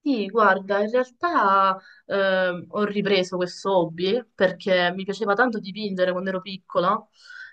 Sì, guarda, in realtà ho ripreso questo hobby perché mi piaceva tanto dipingere quando ero piccola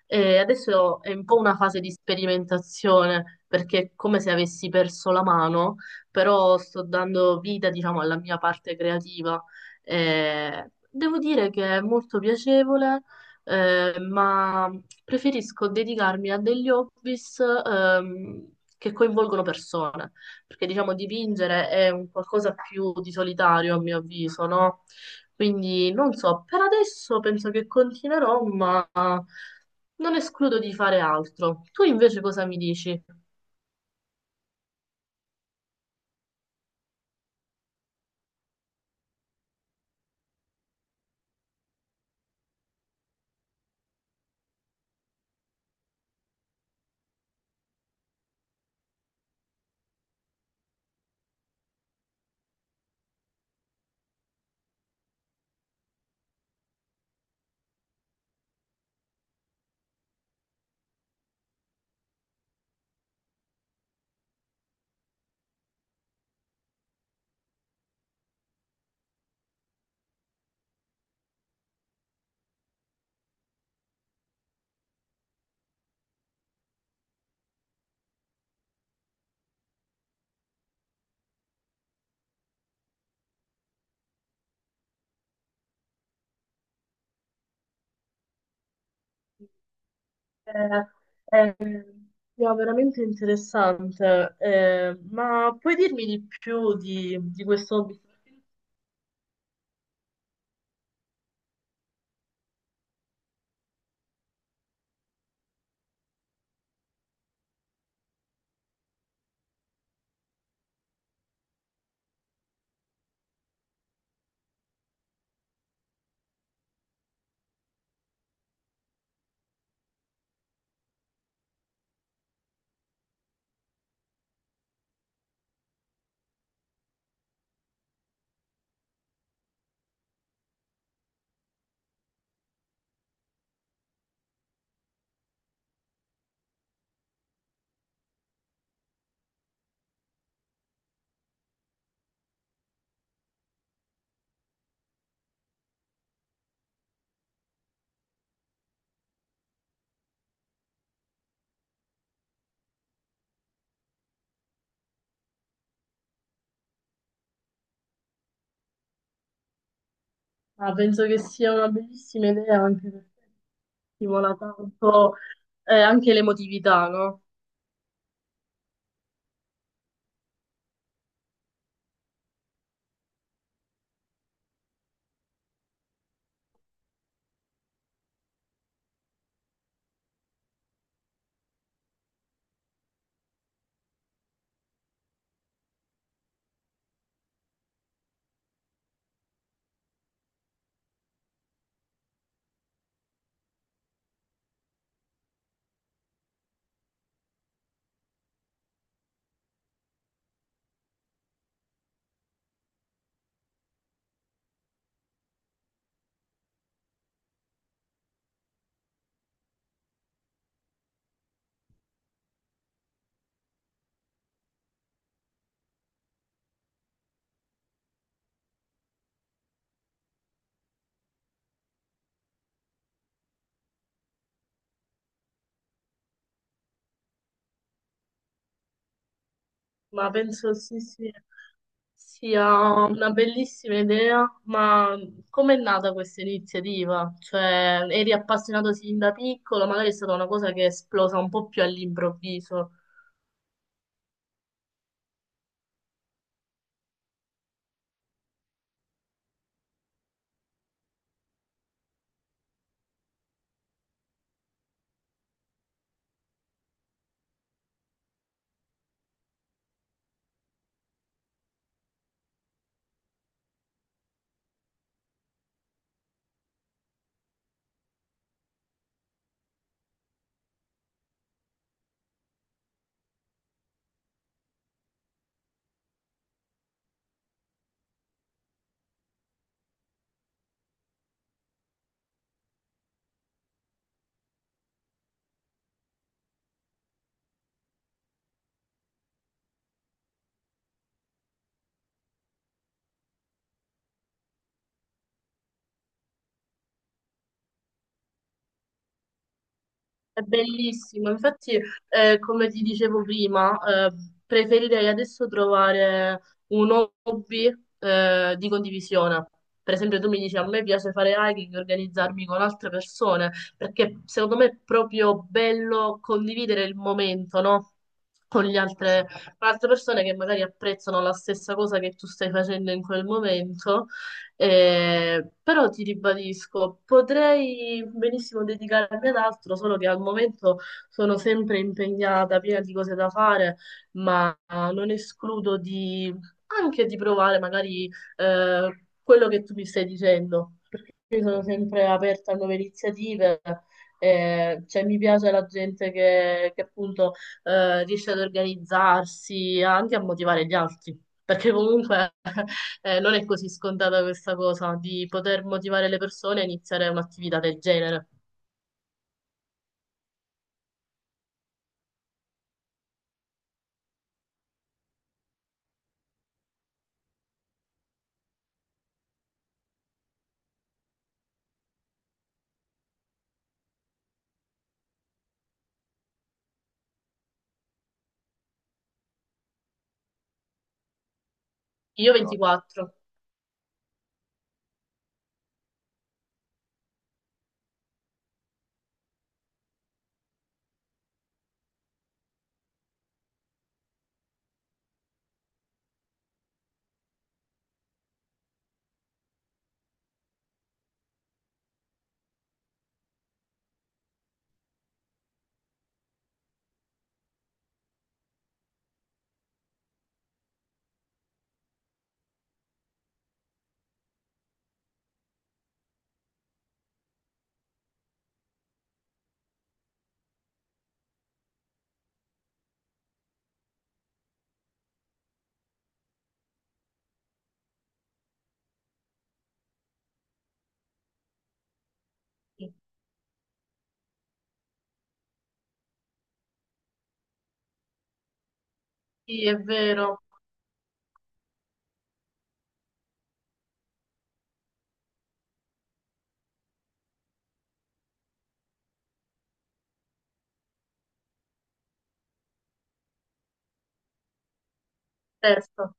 e adesso è un po' una fase di sperimentazione perché è come se avessi perso la mano, però sto dando vita, diciamo, alla mia parte creativa. E devo dire che è molto piacevole, ma preferisco dedicarmi a degli hobbies che coinvolgono persone perché diciamo dipingere è un qualcosa più di solitario a mio avviso, no? Quindi non so, per adesso penso che continuerò, ma non escludo di fare altro. Tu invece cosa mi dici? Eh, eh, no, veramente interessante, ma puoi dirmi di più di questo hobby? Ah, penso che sia una bellissima idea anche perché stimola tanto anche l'emotività, no? Ma penso sì, sì, sia una bellissima idea, ma com'è nata questa iniziativa? Cioè, eri appassionato sin da piccolo, magari è stata una cosa che è esplosa un po' più all'improvviso. È bellissimo, infatti, come ti dicevo prima, eh, preferirei adesso trovare un hobby, di condivisione. Per esempio, tu mi dici a me piace fare hiking e organizzarmi con altre persone, perché secondo me è proprio bello condividere il momento, no? Con gli altre, con altre persone che magari apprezzano la stessa cosa che tu stai facendo in quel momento, però ti ribadisco, potrei benissimo dedicarmi ad altro, solo che al momento sono sempre impegnata, piena di cose da fare, ma non escludo di anche di provare magari quello che tu mi stai dicendo. Io sono sempre aperta a nuove iniziative, cioè mi piace la gente che appunto riesce ad organizzarsi, anche a motivare gli altri, perché comunque non è così scontata questa cosa di poter motivare le persone a iniziare un'attività del genere. Io No. 24, sì, è vero, terzo.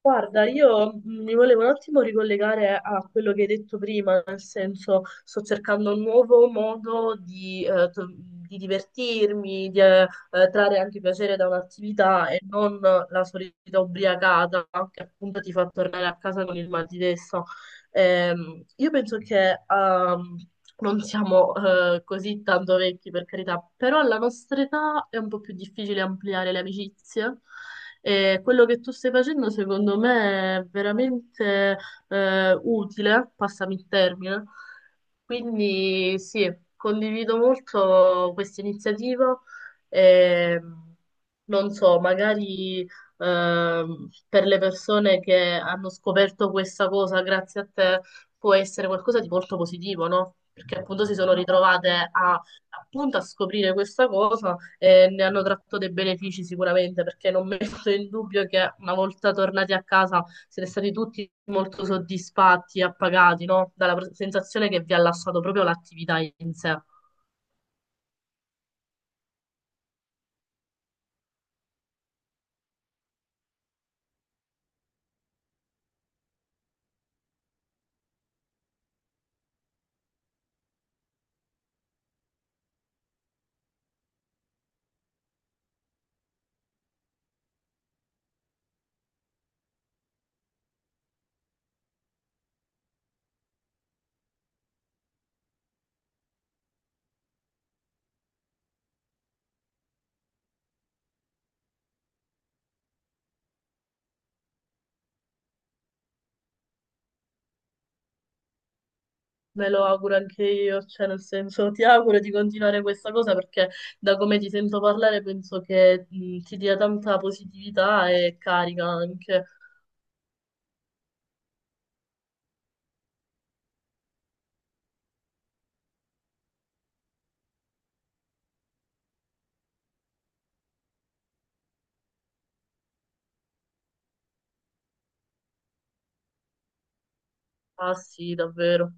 Guarda, io mi volevo un attimo ricollegare a quello che hai detto prima, nel senso sto cercando un nuovo modo di, di divertirmi, di trarre anche piacere da un'attività e non la solita ubriacata che appunto ti fa tornare a casa con il mal di testa. Io penso che non siamo così tanto vecchi, per carità, però alla nostra età è un po' più difficile ampliare le amicizie. E quello che tu stai facendo, secondo me, è veramente utile, passami il termine. Quindi sì, condivido molto questa iniziativa. E, non so, magari per le persone che hanno scoperto questa cosa grazie a te può essere qualcosa di molto positivo, no? Perché appunto si sono ritrovate a, appunto a scoprire questa cosa e ne hanno tratto dei benefici sicuramente, perché non metto in dubbio che una volta tornati a casa siete stati tutti molto soddisfatti e appagati, no? Dalla sensazione che vi ha lasciato proprio l'attività in sé. Me lo auguro anche io, cioè nel senso ti auguro di continuare questa cosa perché da come ti sento parlare penso che ti dia tanta positività e carica anche. Ah sì, davvero.